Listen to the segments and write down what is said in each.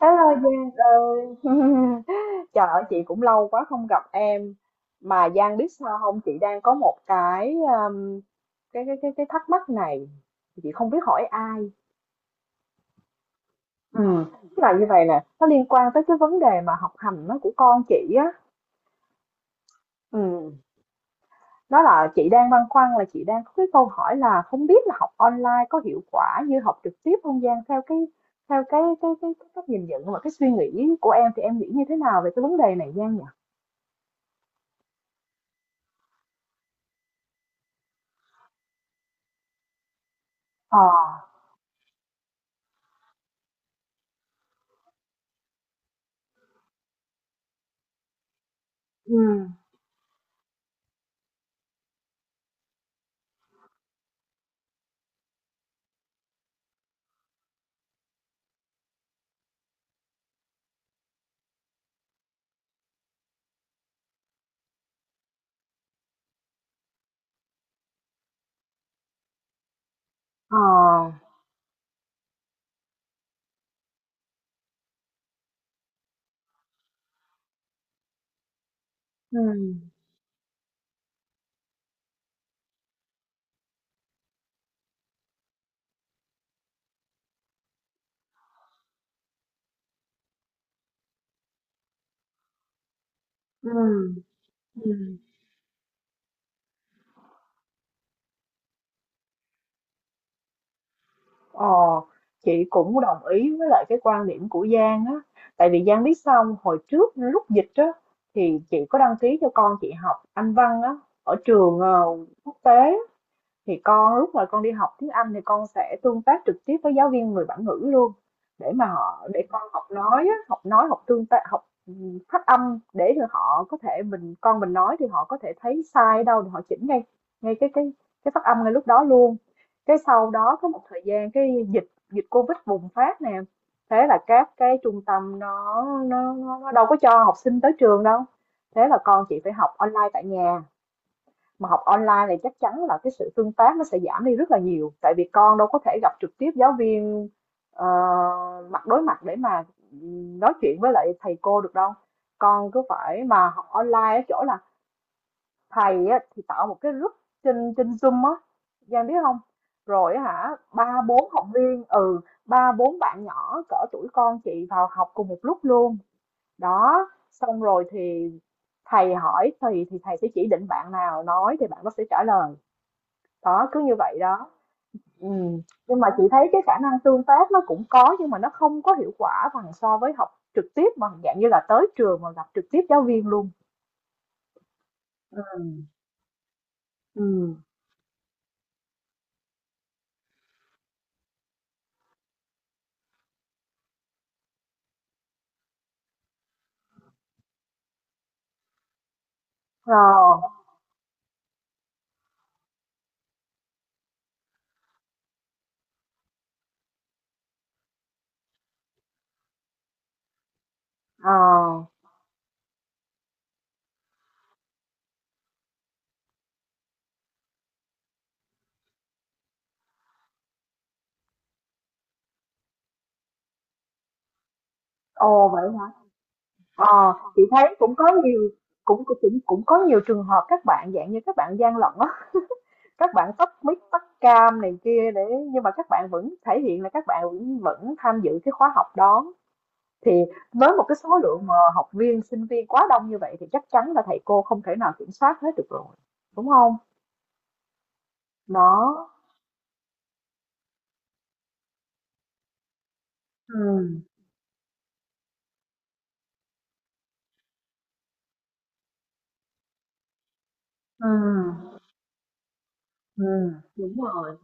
Hello Giang ơi. Trời ơi, chị cũng lâu quá không gặp em. Mà Giang biết sao không? Chị đang có một cái cái thắc mắc này. Chị không biết hỏi ai. Ừ. Tức là như vậy nè, nó liên quan tới cái vấn đề mà học hành nó của con chị á, ừ. Nó là chị đang băn khoăn, là chị đang có cái câu hỏi là không biết là học online có hiệu quả như học trực tiếp không Giang? Theo cái, cách nhìn nhận và cái suy nghĩ của em, thì em nghĩ như thế nào về cái vấn đề này Giang nhỉ? Ờ Ừm, ờ, ừm, ừm, ừm, ờ, chị cũng đồng ý với lại cái quan điểm của Giang á, tại vì Giang biết sao hông? Hồi trước lúc dịch á, thì chị có đăng ký cho con chị học Anh văn á, ở trường, quốc tế. Thì con, lúc mà con đi học tiếng Anh thì con sẽ tương tác trực tiếp với giáo viên người bản ngữ luôn, để mà họ, để con học nói á, học nói, học tương tác, học phát âm, để cho họ có thể, mình con mình nói thì họ có thể thấy sai ở đâu thì họ chỉnh ngay, ngay cái cái phát âm ngay lúc đó luôn. Cái sau đó có một thời gian, cái dịch dịch Covid bùng phát nè, thế là các cái trung tâm nó đâu có cho học sinh tới trường đâu. Thế là con chị phải học online tại nhà. Mà học online này chắc chắn là cái sự tương tác nó sẽ giảm đi rất là nhiều, tại vì con đâu có thể gặp trực tiếp giáo viên, ờ, mặt đối mặt để mà nói chuyện với lại thầy cô được đâu. Con cứ phải mà học online ở chỗ là thầy á, thì tạo một cái group trên trên Zoom á Giang biết không, rồi hả? Ba bốn học viên, ba bốn bạn nhỏ cỡ tuổi con chị vào học cùng một lúc luôn. Đó, xong rồi thì thầy hỏi thì thầy sẽ chỉ định bạn nào nói thì bạn nó sẽ trả lời. Đó, cứ như vậy đó. Ừm, nhưng mà chị thấy cái khả năng tương tác nó cũng có, nhưng mà nó không có hiệu quả bằng so với học trực tiếp, bằng dạng như là tới trường mà gặp trực tiếp giáo viên luôn. Ừ, ừ. Ờ, ờ. Ồ, vậy hả? Ờ, chị thấy cũng có nhiều, cũng cũng cũng có nhiều trường hợp các bạn dạng như các bạn gian lận á, các bạn tắt mic, tắt cam này kia, để nhưng mà các bạn vẫn thể hiện là các bạn vẫn vẫn tham dự cái khóa học đó. Thì với một cái số lượng mà học viên, sinh viên quá đông như vậy thì chắc chắn là thầy cô không thể nào kiểm soát hết được rồi, đúng không? Đó. Ừm, ừm, Đúng rồi,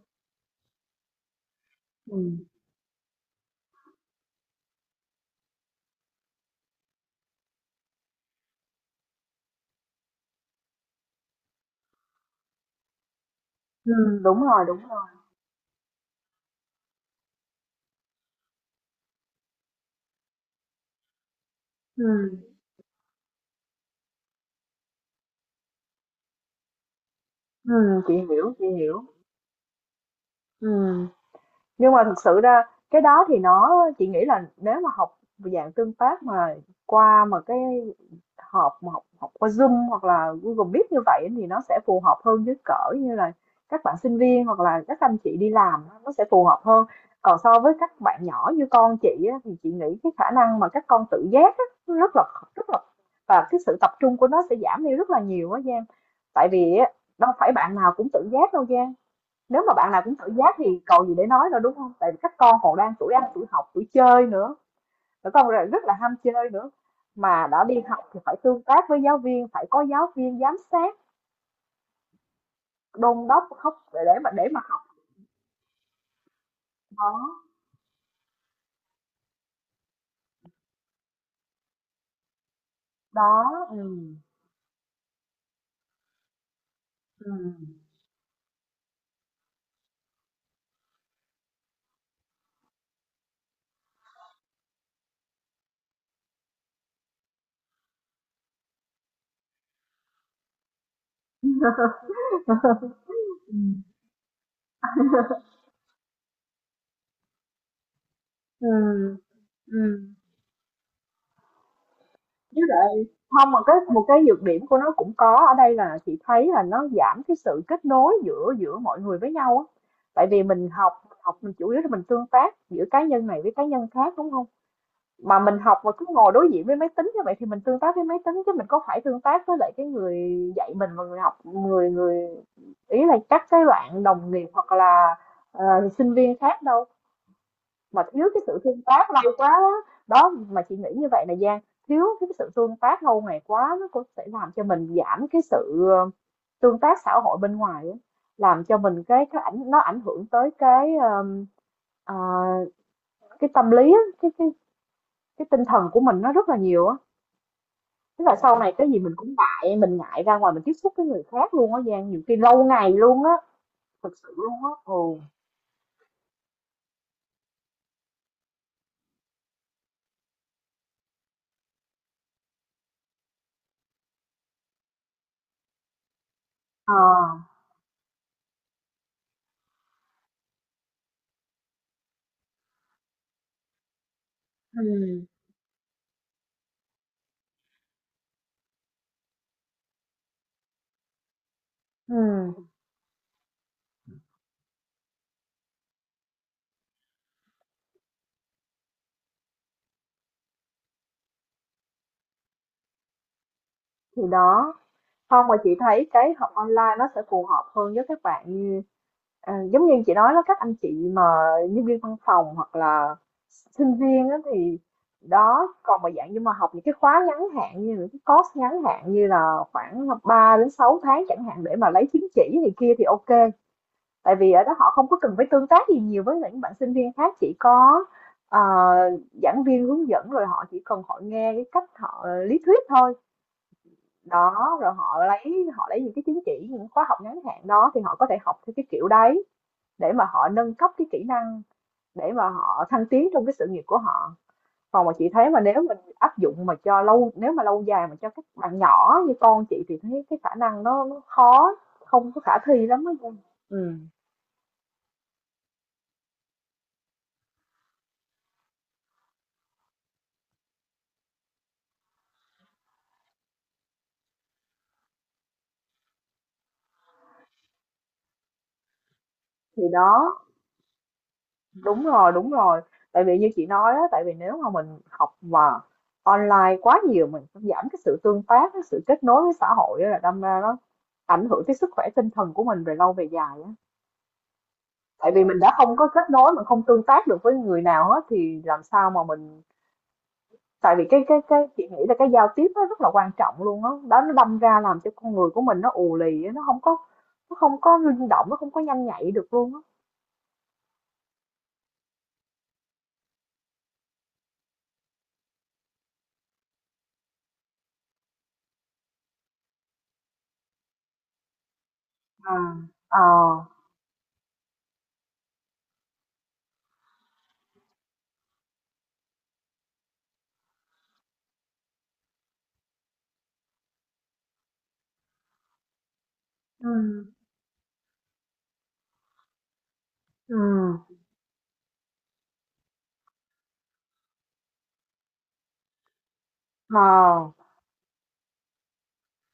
ừm. Ừm. Đúng rồi, đúng rồi. Ừm, Chị hiểu, chị hiểu. Ừm. Nhưng mà thực sự ra cái đó thì nó, chị nghĩ là nếu mà học dạng tương tác mà qua, mà cái họp, mà học học qua Zoom hoặc là Google Meet như vậy thì nó sẽ phù hợp hơn với cỡ như là các bạn sinh viên hoặc là các anh chị đi làm, nó sẽ phù hợp hơn. Còn so với các bạn nhỏ như con chị á, thì chị nghĩ cái khả năng mà các con tự giác á, rất là rất là và cái sự tập trung của nó sẽ giảm đi rất là nhiều á Giang. Tại vì á, đâu phải bạn nào cũng tự giác đâu Giang, nếu mà bạn nào cũng tự giác thì còn gì để nói nữa, đúng không? Tại vì các con còn đang tuổi ăn, tuổi học, tuổi chơi nữa, các con rất là ham chơi nữa, mà đã đi học thì phải tương tác với giáo viên, phải có giáo viên giám sát, đôn đốc khóc để mà học. Đó. Đó. Ừ, ừ, ừ. Ừm, ừm. Với lại, không mà cái một cái nhược điểm của nó cũng có ở đây, là chị thấy là nó giảm cái sự kết nối giữa giữa mọi người với nhau á. Tại vì mình học, mình chủ yếu là mình tương tác giữa cá nhân này với cá nhân khác, đúng không? Mà mình học mà cứ ngồi đối diện với máy tính như vậy thì mình tương tác với máy tính, chứ mình có phải tương tác với lại cái người dạy mình, và người học, người người ý là các cái bạn đồng nghiệp hoặc là ờ, sinh viên khác đâu, mà thiếu cái sự tương tác lâu quá á. Đó, mà chị nghĩ như vậy là Giang, thiếu cái sự tương tác lâu ngày quá nó cũng sẽ làm cho mình giảm cái sự tương tác xã hội bên ngoài á. Làm cho mình cái cái nó ảnh hưởng tới cái ờ, cái tâm lý á, cái cái tinh thần của mình nó rất là nhiều á. Tức là sau này cái gì mình cũng ngại, mình ngại ra ngoài, mình tiếp xúc với người khác luôn á Giang, nhiều khi lâu ngày luôn á, thực sự luôn á. Ồ. Ờ. Ừ, ừ. Thì đó, không mà chị thấy cái học online nó sẽ phù hợp hơn với các bạn như, à, giống như chị nói đó, các anh chị mà nhân viên văn phòng hoặc là sinh viên á thì đó. Còn mà dạng như mà học những cái khóa ngắn hạn, như những cái course ngắn hạn như là khoảng 3 đến 6 tháng chẳng hạn, để mà lấy chứng chỉ thì kia thì ok. Tại vì ở đó họ không có cần phải tương tác gì nhiều với những bạn sinh viên khác, chỉ có ờ, giảng viên hướng dẫn, rồi họ chỉ cần họ nghe cái cách họ lý thuyết thôi. Đó, rồi họ lấy, họ lấy những cái chứng chỉ, những khóa học ngắn hạn đó thì họ có thể học theo cái kiểu đấy, để mà họ nâng cấp cái kỹ năng, để mà họ thăng tiến trong cái sự nghiệp của họ. Còn mà chị thấy, mà nếu mình áp dụng mà cho lâu, nếu mà lâu dài mà cho các bạn nhỏ như con chị thì thấy cái khả năng nó khó, không có khả thi lắm á Dung. Thì đó. Đúng rồi, đúng rồi. Tại vì như chị nói á, tại vì nếu mà mình học mà online quá nhiều, mình cũng giảm cái sự tương tác, cái sự kết nối với xã hội á, là đâm ra nó ảnh hưởng tới sức khỏe tinh thần của mình về lâu về dài á. Tại vì mình đã không có kết nối, mình không tương tác được với người nào hết thì làm sao mà mình, tại vì cái cái chị nghĩ là cái giao tiếp nó rất là quan trọng luôn á. Đó. Đó, nó đâm ra làm cho con người của mình nó ù lì á, nó không có, nó không có linh động, nó không có nhanh nhạy được luôn á. À. Ờ. Ừ. Ừ. Ờ.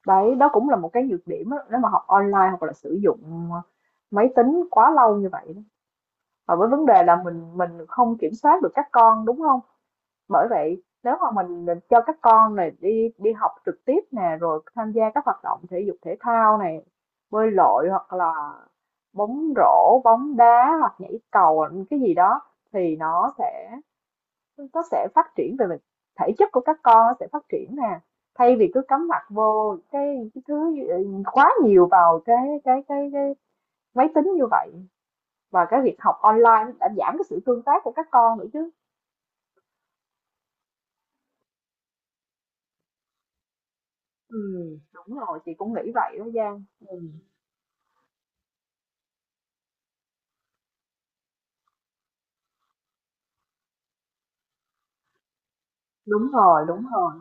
Đấy, đó cũng là một cái nhược điểm á, nếu mà học online hoặc là sử dụng máy tính quá lâu như vậy. Đó. Và với vấn đề là mình không kiểm soát được các con, đúng không? Bởi vậy nếu mà mình cho các con này đi, đi học trực tiếp nè, rồi tham gia các hoạt động thể dục thể thao này, bơi lội hoặc là bóng rổ, bóng đá hoặc nhảy cầu cái gì đó, thì nó sẽ, nó sẽ phát triển về mặt thể chất của các con, nó sẽ phát triển nè, thay vì cứ cắm mặt vô cái thứ quá nhiều vào cái máy tính như vậy, và cái việc học online đã giảm cái sự tương tác của các con nữa chứ. Ừ, đúng rồi, chị cũng nghĩ vậy đó Giang, ừ, đúng rồi, đúng rồi.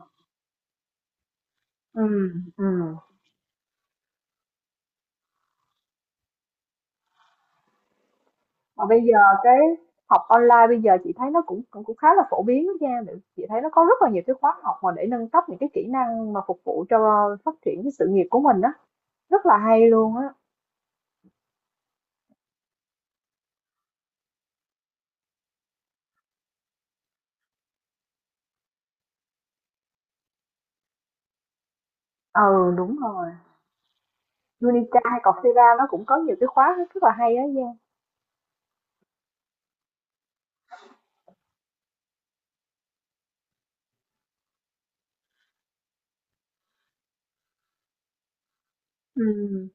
Ừ, ừ. Mà bây giờ cái học online bây giờ chị thấy nó cũng, cũng khá là phổ biến đó Giang. Chị thấy nó có rất là nhiều cái khóa học mà để nâng cấp những cái kỹ năng mà phục vụ cho phát triển cái sự nghiệp của mình đó. Rất là hay luôn á. Ừ, đúng rồi, Unica hay Coursera nó cũng có nhiều cái khóa rất là hay á Giang. Ừm,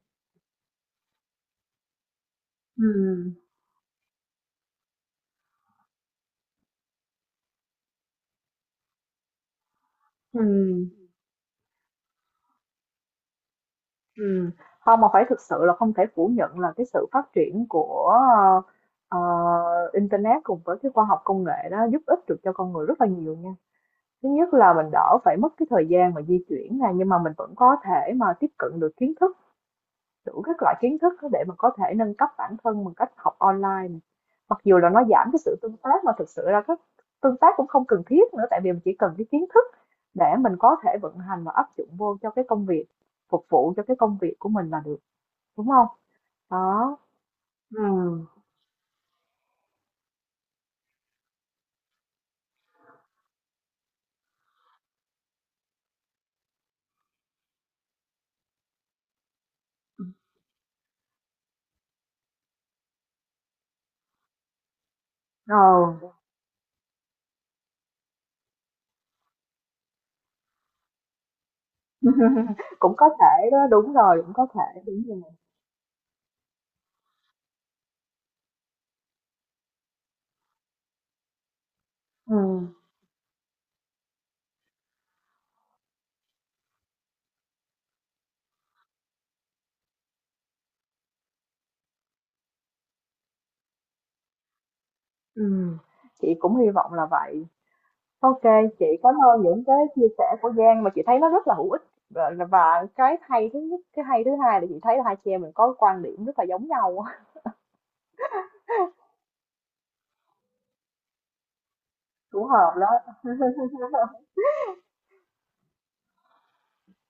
ừm, ừm, ừm. Không mà phải thực sự là không thể phủ nhận là cái sự phát triển của ờ, ờ, internet cùng với cái khoa học công nghệ đó giúp ích được cho con người rất là nhiều nha. Thứ nhất là mình đỡ phải mất cái thời gian mà di chuyển này, nhưng mà mình vẫn có thể mà tiếp cận được kiến thức, đủ các loại kiến thức để mà có thể nâng cấp bản thân bằng cách học online. Mặc dù là nó giảm cái sự tương tác, mà thực sự ra cái tương tác cũng không cần thiết nữa, tại vì mình chỉ cần cái kiến thức để mình có thể vận hành và áp dụng vô cho cái công việc, phục vụ cho cái công việc của mình là được, đúng không? Đó. Ừ. Ờ. Cũng có thể đó, đúng rồi, cũng có thể, đúng rồi. Ừm. Ừ. Chị cũng hy vọng là vậy. Ok, chị cảm ơn những cái chia sẻ của Giang, mà chị thấy nó rất là hữu ích, và cái hay thứ nhất, cái hay thứ hai là chị thấy là hai chị em mình có quan điểm rất là giống nhau. Cũng hợp lắm.